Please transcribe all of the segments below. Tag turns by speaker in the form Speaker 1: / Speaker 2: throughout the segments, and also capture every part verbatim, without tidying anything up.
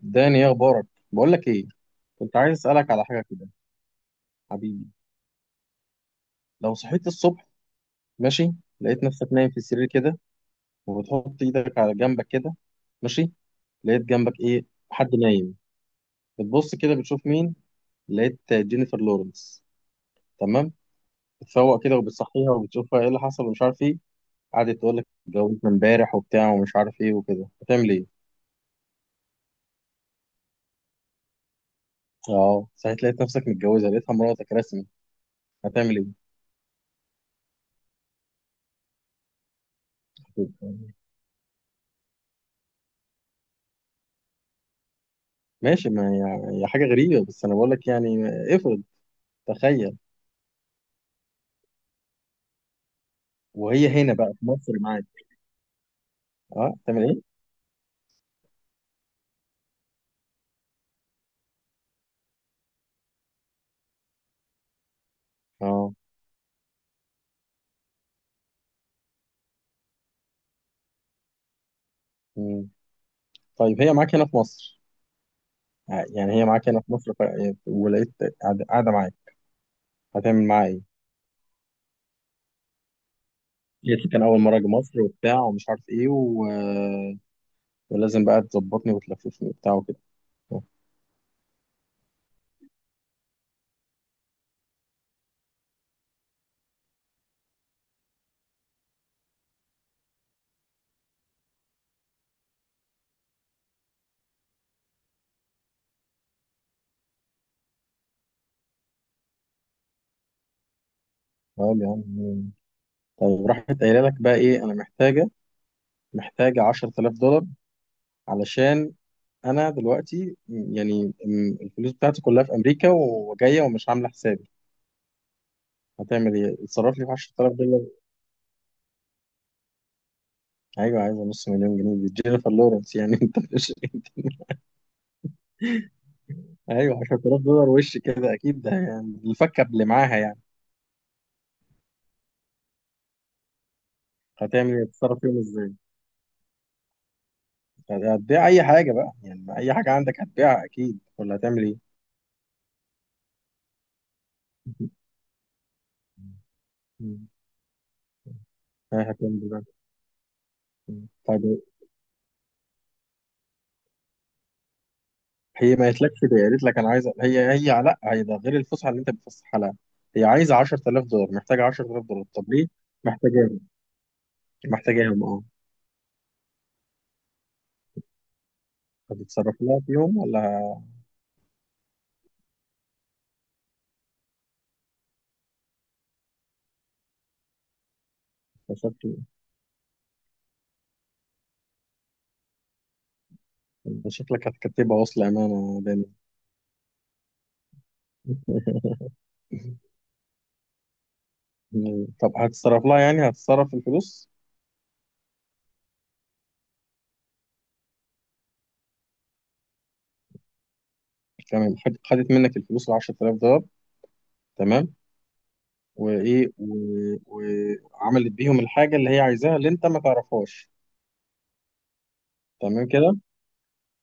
Speaker 1: داني، ايه اخبارك؟ بقول لك ايه. كنت عايز اسالك على حاجه كده، حبيبي. لو صحيت الصبح، ماشي، لقيت نفسك نايم في السرير كده، وبتحط ايدك على جنبك كده، ماشي، لقيت جنبك ايه؟ حد نايم. بتبص كده بتشوف مين؟ لقيت جينيفر لورنس. تمام. بتفوق كده وبتصحيها وبتشوفها ايه اللي حصل ومش عارف ايه. قعدت تقول لك اتجوزت من امبارح وبتاع ومش عارف ايه وكده. هتعمل ايه؟ اه، صحيت لقيت نفسك متجوزه، لقيتها مراتك رسمي. هتعمل ايه؟ ماشي. ما هي، هي حاجه غريبه، بس انا بقول لك يعني. افرض، تخيل وهي هنا بقى في مصر معاك. اه، تعمل ايه؟ اه. مم. طيب هي معاك هنا في مصر، آه، يعني هي معاك هنا في مصر ف... ولقيت قاعدة قاعدة معاك. هتعمل معاها ايه؟ قالت لي كان أول مرة أجي مصر وبتاع ومش عارف ايه و... ولازم بقى تظبطني وتلففني وبتاع وكده. آه. طيب يا عم. مم. طيب راحت قايلة لك بقى ايه؟ أنا محتاجة محتاجة عشرة آلاف دولار، علشان أنا دلوقتي م- يعني م- الفلوس بتاعتي كلها في أمريكا وجاية ومش عاملة حسابي. هتعمل ايه؟ اتصرف لي في عشرة آلاف دولار. ايوه، عايزه نص مليون جنيه، دي جينيفر لورنس يعني انت مش، ايوه عشرة آلاف دولار وش كده، اكيد ده يعني الفكه اللي معاها يعني. هتعمل ايه؟ هتتصرف فيهم ازاي؟ هتبيع اي حاجه بقى يعني، اي حاجه عندك هتبيعها اكيد، ولا هتعمل ايه؟ مم. هي هتعمل إيه بقى؟ مم. طيب هي ما قالتلكش ده، قالت لك انا عايزه، هي هي لا هي ده غير الفسحه اللي انت بتفسحها لها. هي عايزه عشرة آلاف دولار، محتاجه عشرة آلاف دولار. طب ليه محتاجاهم؟ محتاجاهم، اه. هتتصرف لها فيهم ولا؟ شكلك، شكلك هتكتبها وصل امانه. مم. طب هتتصرف لها يعني، هتتصرف الفلوس. تمام. خد- خدت منك الفلوس ال عشرة آلاف دولار، تمام، وايه و- وعملت بيهم الحاجه اللي هي عايزاها اللي انت ما تعرفهاش. تمام كده.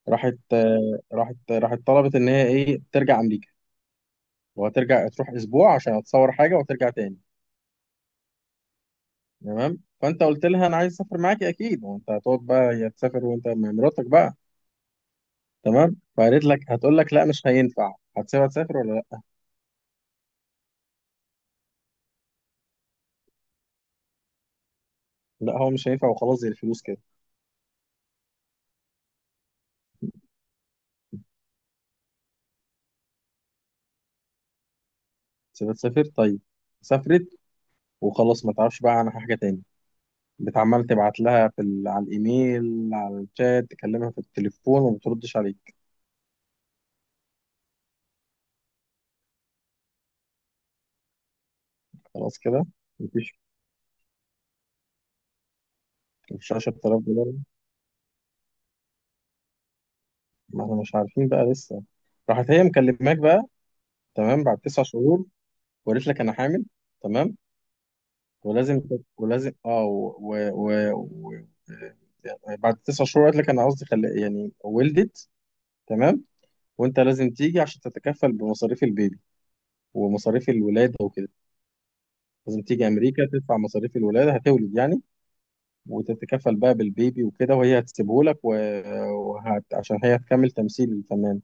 Speaker 1: راحت، آه، راحت راحت طلبت ان هي ايه، ترجع امريكا وهترجع، تروح اسبوع عشان هتصور حاجه وترجع تاني. تمام. فانت قلت لها انا عايز اسافر معاكي اكيد، وانت هتقعد بقى، هي تسافر وانت مع مراتك بقى. تمام. فقالت لك، هتقول لك لا مش هينفع، هتسيبها تسافر ولا لا؟ لا، هو مش هينفع وخلاص، زي الفلوس كده. سيبها تسافر طيب، سافرت وخلاص، ما تعرفش بقى عنها حاجه تاني. بتعمل تبعت لها في ال... على الايميل، على الشات، تكلمها في التليفون وما بتردش عليك. خلاص كده، مفيش. مش عشرة آلاف دولار، ما احنا مش عارفين بقى لسه. راحت هي مكلماك بقى، تمام، بعد تسع شهور، وقالت لك انا حامل. تمام. ولازم ت- ولازم اه و... و... و... و... بعد تسع شهور قالت لك، انا قصدي خل... يعني ولدت. تمام. وانت لازم تيجي عشان تتكفل بمصاريف البيبي ومصاريف الولاده وكده. لازم تيجي امريكا تدفع مصاريف الولاده، هتولد يعني، وتتكفل بقى بالبيبي وكده، وهي هتسيبه لك و... وهت... عشان هي هتكمل تمثيل الفنان،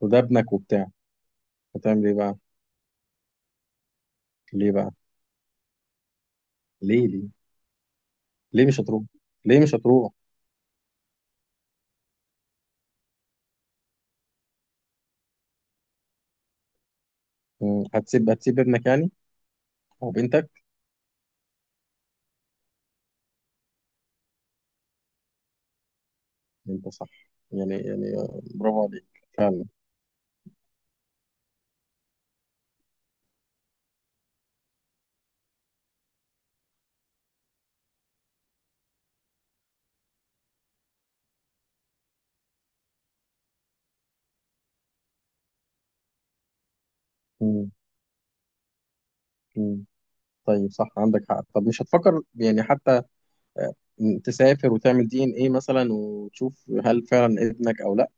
Speaker 1: وده ابنك وبتاع. هتعمل ايه بقى؟ ليه بقى؟ ليه ليه ليه مش هتروح؟ ليه مش هتروح؟ مم. هتسيب، هتسيب ابنك يعني، او بنتك؟ انت صح. يعني يعني آه، برافو عليك. مم. مم. طيب صح، عندك حق. طب مش هتفكر يعني حتى، آه، تسافر وتعمل دي ان ايه مثلا وتشوف هل فعلا ابنك او لا،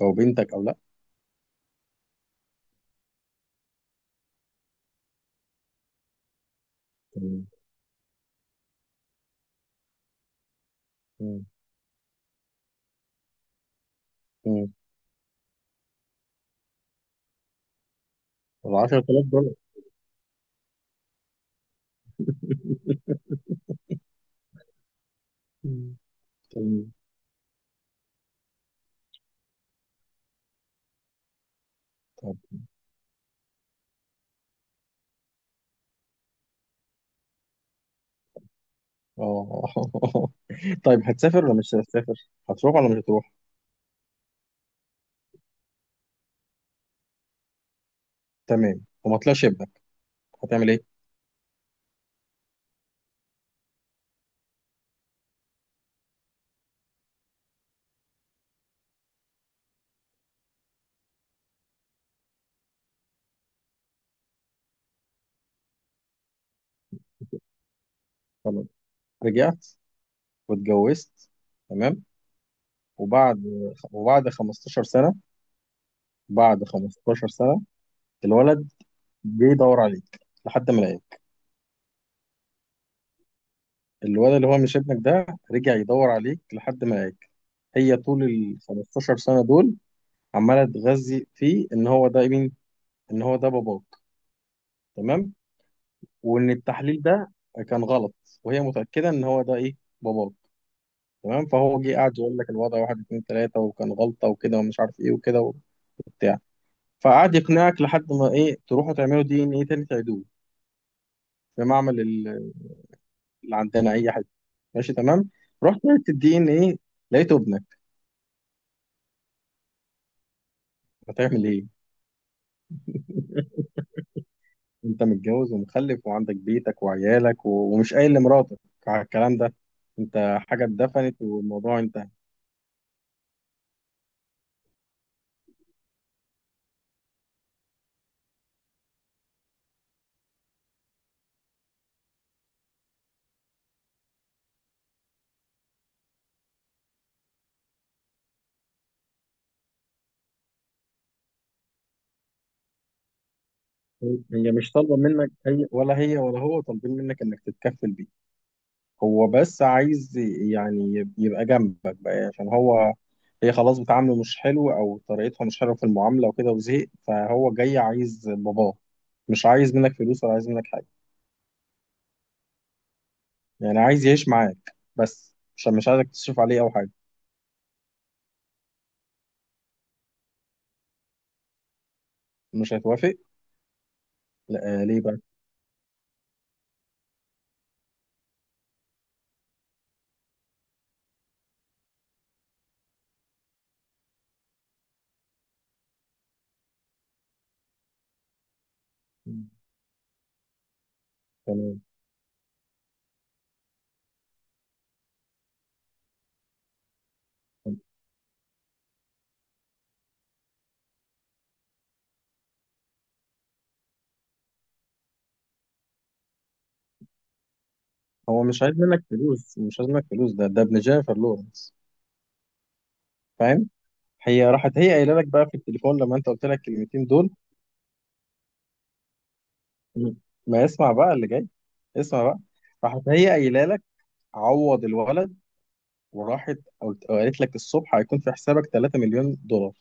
Speaker 1: او بنتك او لا؟ مم. مم. طب عشرة آلاف دولار؟ مم. طيب. طب اه. طيب هتسافر ولا مش هتسافر؟ هتروح ولا مش هتروح؟ تمام. وما طلعش ابنك، هتعمل ايه؟ خلاص، رجعت واتجوزت. تمام. وبعد وبعد خمسة عشر سنة، بعد خمسة عشر سنة، الولد جه يدور عليك لحد ما لقاك. الولد اللي هو مش ابنك ده، رجع يدور عليك لحد ما لقاك. هي طول ال خمسة عشر سنة دول عمالة تغذي فيه، ان هو ده مين؟ ان هو ده باباك. تمام؟ وان التحليل ده كان غلط، وهي متاكده ان هو ده ايه، باباك. تمام. فهو جه قعد يقول لك الوضع واحد اتنين تلاته، وكان غلطه وكده ومش عارف ايه وكده وبتاع. فقعد يقنعك لحد ما ايه، تروحوا تعملوا دي ان ايه تاني، تعيدوه في معمل ال- اللي عندنا اي حد. ماشي تمام. رحت عملت الدي ان ايه، لقيته ابنك. هتعمل ايه؟ انت متجوز ومخلف وعندك بيتك وعيالك و... ومش قايل لمراتك على الكلام ده، انت حاجه اتدفنت والموضوع انتهى. هي مش طالبة منك أي، ولا هي ولا هو طالبين منك إنك تتكفل بيه. هو بس عايز يعني، يب- يبقى جنبك بقى، عشان هو، هي خلاص بتعامله مش حلو أو طريقتها مش حلوة في المعاملة وكده وزهق، فهو جاي عايز باباه. مش عايز منك فلوس ولا عايز منك حاجة، يعني عايز يعيش معاك بس، عشان مش عايزك تصرف عليه أو حاجة. مش هتوافق؟ لا آه، ليه بقى؟ تمام. هو مش عايز منك فلوس، مش عايز منك فلوس، ده ده ابن جينيفر لورنس. فاهم؟ هي راحت هي قايله لك بقى في التليفون لما انت قلت لك الكلمتين دول. مم. ما اسمع بقى اللي جاي، اسمع بقى. راحت هي قايله لك، عوض الولد، وراحت قلت- قالت لك الصبح هيكون في حسابك ثلاثة مليون دولار.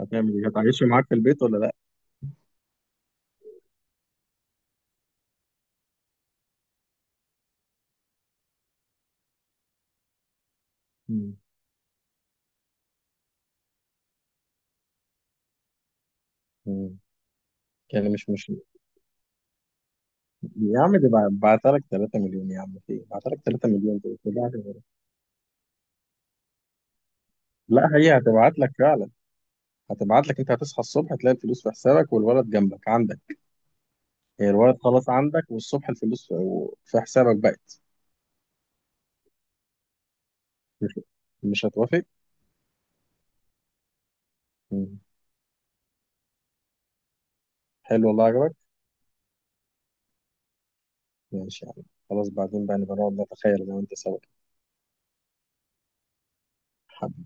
Speaker 1: هتعمل ايه؟ هتعيشه معاك في البيت ولا لا؟ مم. مم. يعني مش مش يا عم، دي بع- بعتها لك تلات مليون يا عم، في ايه، بعتها لك تلات مليون دي، بتضيع في الغرب. لا، هي هتبعت لك فعلا، هتبعت لك. انت هتصحى الصبح هتلاقي الفلوس في حسابك والولد جنبك عندك. هي الولد خلاص عندك، والصبح الفلوس في، في حسابك بقى. مش مش هتوافق. مم. حلو، والله عجبك، ماشي يعني. خلاص بعدين بقى نبقى نقعد نتخيل انا وانت سوا.